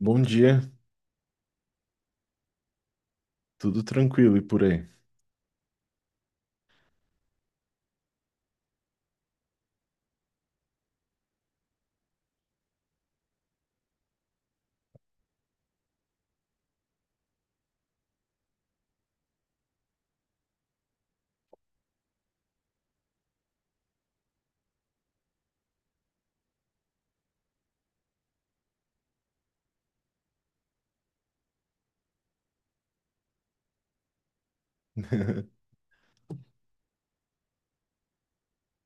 Bom dia, tudo tranquilo e por aí?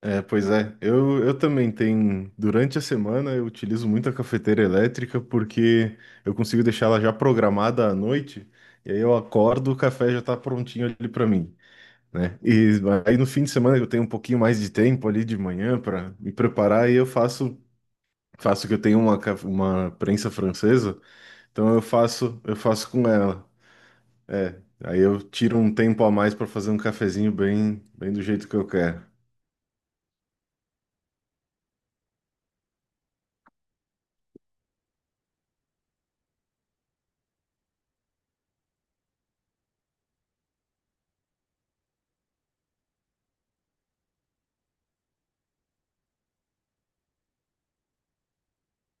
É, pois é, eu também tenho. Durante a semana eu utilizo muito a cafeteira elétrica porque eu consigo deixar ela já programada à noite, e aí eu acordo, o café já tá prontinho ali para mim, né? E aí no fim de semana eu tenho um pouquinho mais de tempo ali de manhã para me preparar e eu faço. Faço que eu tenho uma prensa francesa, então eu faço com ela. É, aí eu tiro um tempo a mais para fazer um cafezinho bem, bem do jeito que eu quero.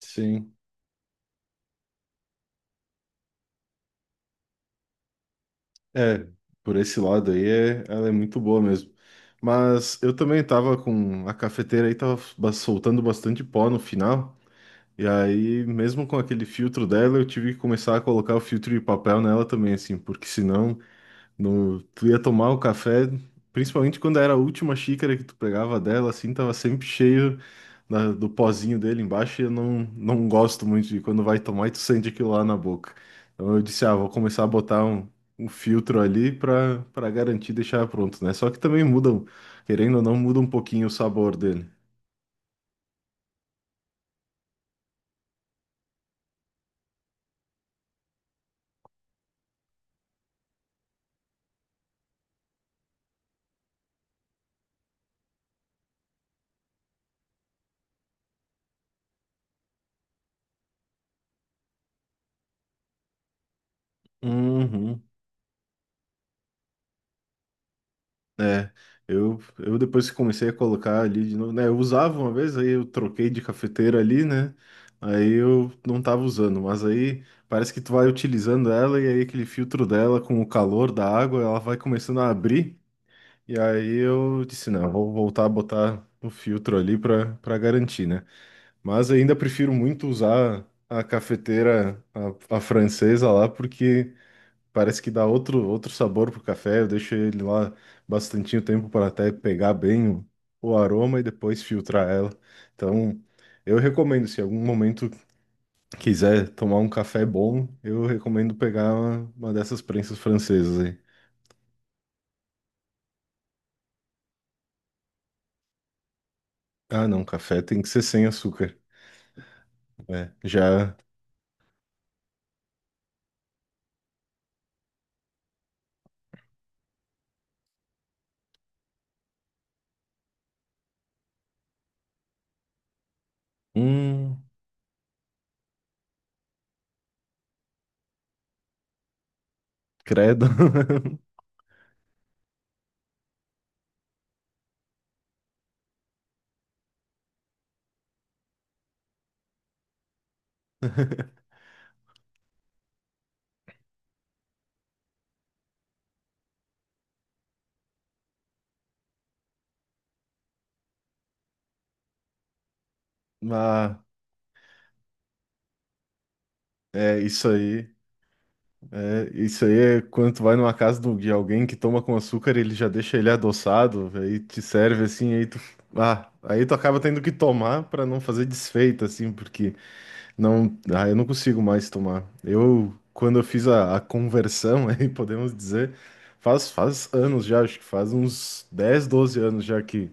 Sim, é, por esse lado aí é, ela é muito boa mesmo. Mas eu também tava com a cafeteira aí, soltando bastante pó no final, e aí mesmo com aquele filtro dela, eu tive que começar a colocar o filtro de papel nela também, assim, porque senão no, tu ia tomar o café, principalmente quando era a última xícara que tu pegava dela, assim, tava sempre cheio do pozinho dele embaixo, e eu não gosto muito de quando vai tomar e tu sente aquilo lá na boca. Então eu disse, ah, vou começar a botar um, um filtro ali pra garantir deixar pronto, né? Só que também mudam, querendo ou não, muda um pouquinho o sabor dele. Uhum. É, eu depois que comecei a colocar ali de novo, né? Eu usava uma vez, aí eu troquei de cafeteira ali, né? Aí eu não tava usando, mas aí parece que tu vai utilizando ela e aí aquele filtro dela com o calor da água, ela vai começando a abrir. E aí eu disse, não, vou voltar a botar o filtro ali para garantir, né? Mas ainda prefiro muito usar a cafeteira, a francesa lá, porque parece que dá outro sabor pro café. Eu deixo ele lá bastante tempo para até pegar o aroma e depois filtrar ela. Então, eu recomendo, se em algum momento quiser tomar um café bom, eu recomendo pegar uma dessas prensas francesas aí. Ah, não, café tem que ser sem açúcar. É, já. Hum, credo. Ah, é isso aí. É, isso aí é quando tu vai numa de alguém que toma com açúcar, ele já deixa ele adoçado, aí te serve assim, aí tu, ah, aí tu acaba tendo que tomar pra não fazer desfeita assim, porque não, ah, eu não consigo mais tomar. Eu quando eu fiz a conversão, aí podemos dizer, faz anos já, acho que faz uns 10 12 anos já que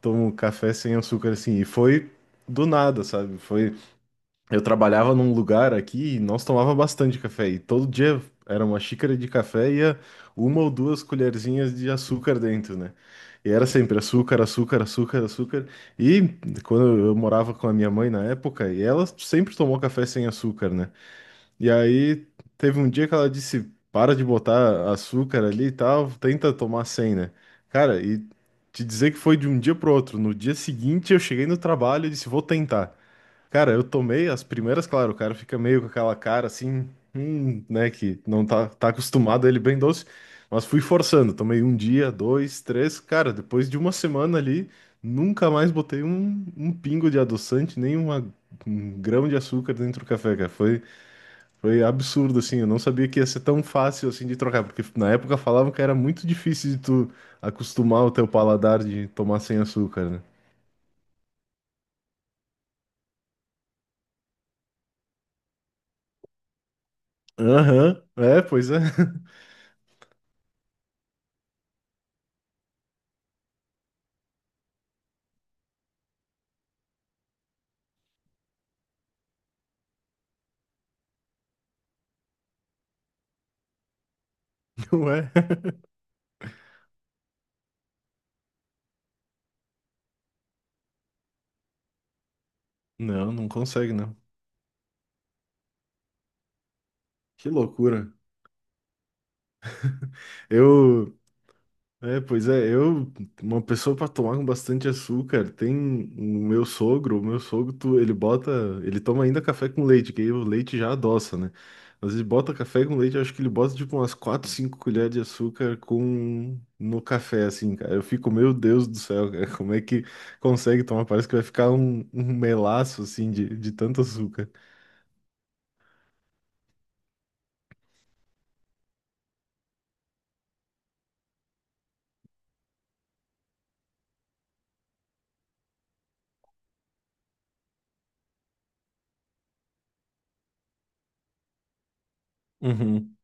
tomo café sem açúcar assim, e foi do nada, sabe? Foi eu trabalhava num lugar aqui e nós tomava bastante café. E todo dia era uma xícara de café e ia uma ou duas colherzinhas de açúcar dentro, né? E era sempre açúcar, açúcar, açúcar, açúcar. E quando eu morava com a minha mãe na época, e ela sempre tomou café sem açúcar, né? E aí teve um dia que ela disse: para de botar açúcar ali e tal, tenta tomar sem, né? Cara, e te dizer que foi de um dia pro outro. No dia seguinte eu cheguei no trabalho e disse: vou tentar. Cara, eu tomei as primeiras, claro, o cara fica meio com aquela cara assim, né, que não tá, tá acostumado a ele bem doce, mas fui forçando, tomei um dia, dois, três, cara, depois de uma semana ali, nunca mais botei um pingo de adoçante, nem uma- um grão de açúcar dentro do café, cara, foi absurdo, assim, eu não sabia que ia ser tão fácil, assim, de trocar, porque na época falavam que era muito difícil de tu acostumar o teu paladar de tomar sem açúcar, né? Aham, é, pois é, não é? Não, não consegue, não. Que loucura. Eu, é, pois é, eu, uma pessoa para tomar com bastante açúcar, tem o meu sogro, ele bota, ele toma ainda café com leite, que aí o leite já adoça, né? Mas ele bota café com leite, eu acho que ele bota tipo umas 4 5 colheres de açúcar com no café, assim, cara. Eu fico, meu Deus do céu, cara, como é que consegue tomar? Parece que vai ficar um melaço, assim, de tanto açúcar. Uhum.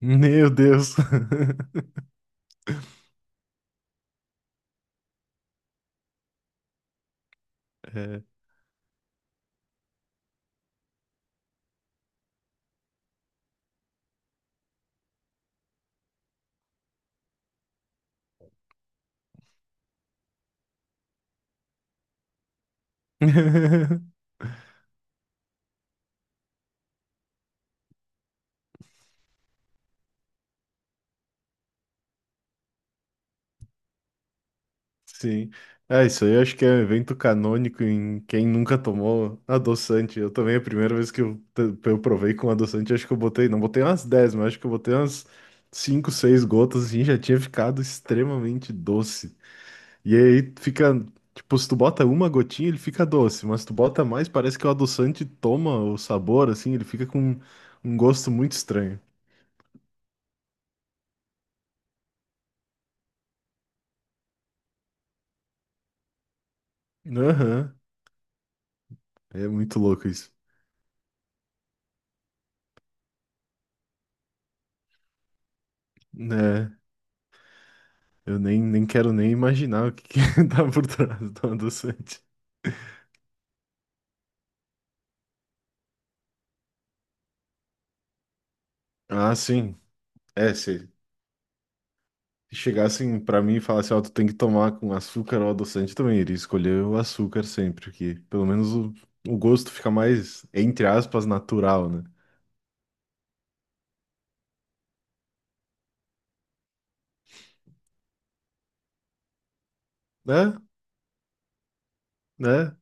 Meu Deus. Sim. É, isso aí eu acho que é um evento canônico em quem nunca tomou adoçante. Eu também, a primeira vez que eu provei com adoçante, acho que eu botei, não botei umas 10 mas acho que eu botei umas 5 6 gotas, assim, já tinha ficado extremamente doce. E aí fica, tipo, se tu bota uma gotinha, ele fica doce, mas se tu bota mais, parece que o adoçante toma o sabor, assim, ele fica com um gosto muito estranho. Aham, é muito louco isso. É. Eu nem quero nem imaginar o que que tá por trás do adoçante. Ah, sim. É, se chegassem pra mim e falassem, ó, tu tem que tomar com açúcar ou adoçante também, iria escolher o açúcar sempre, que pelo menos o gosto fica mais, entre aspas, natural, né? Né? Né?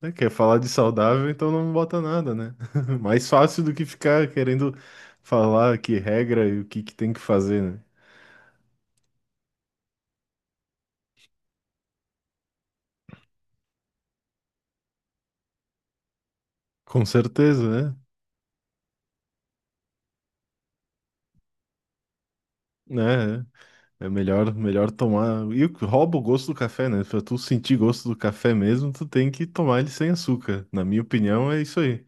Né? Quer falar de saudável, então não bota nada, né? Mais fácil do que ficar querendo falar que regra e o que que tem que fazer, né? Com certeza, né? É, é. É melhor, melhor tomar. E o que rouba o gosto do café, né? Pra tu sentir gosto do café mesmo, tu tem que tomar ele sem açúcar. Na minha opinião, é isso aí.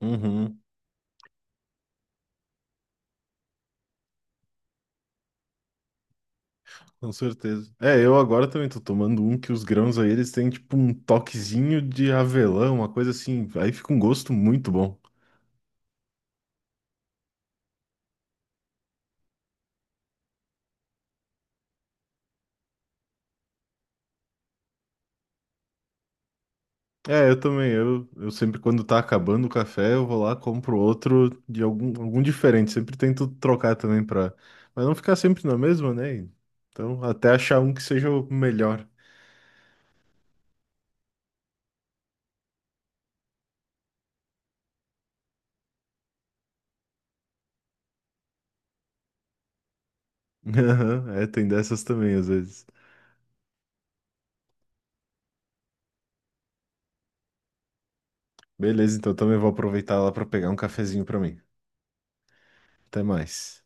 Uhum, com certeza. É, eu agora também tô tomando um que os grãos aí, eles têm tipo um toquezinho de avelã, uma coisa assim. Aí fica um gosto muito bom. É, eu também. Eu sempre, quando tá acabando o café, eu vou lá, compro outro de algum diferente. Sempre tento trocar também pra. Mas não ficar sempre na mesma, né? Então, até achar um que seja o melhor. Aham, é, tem dessas também, às vezes. Beleza, então também vou aproveitar lá pra pegar um cafezinho pra mim. Até mais.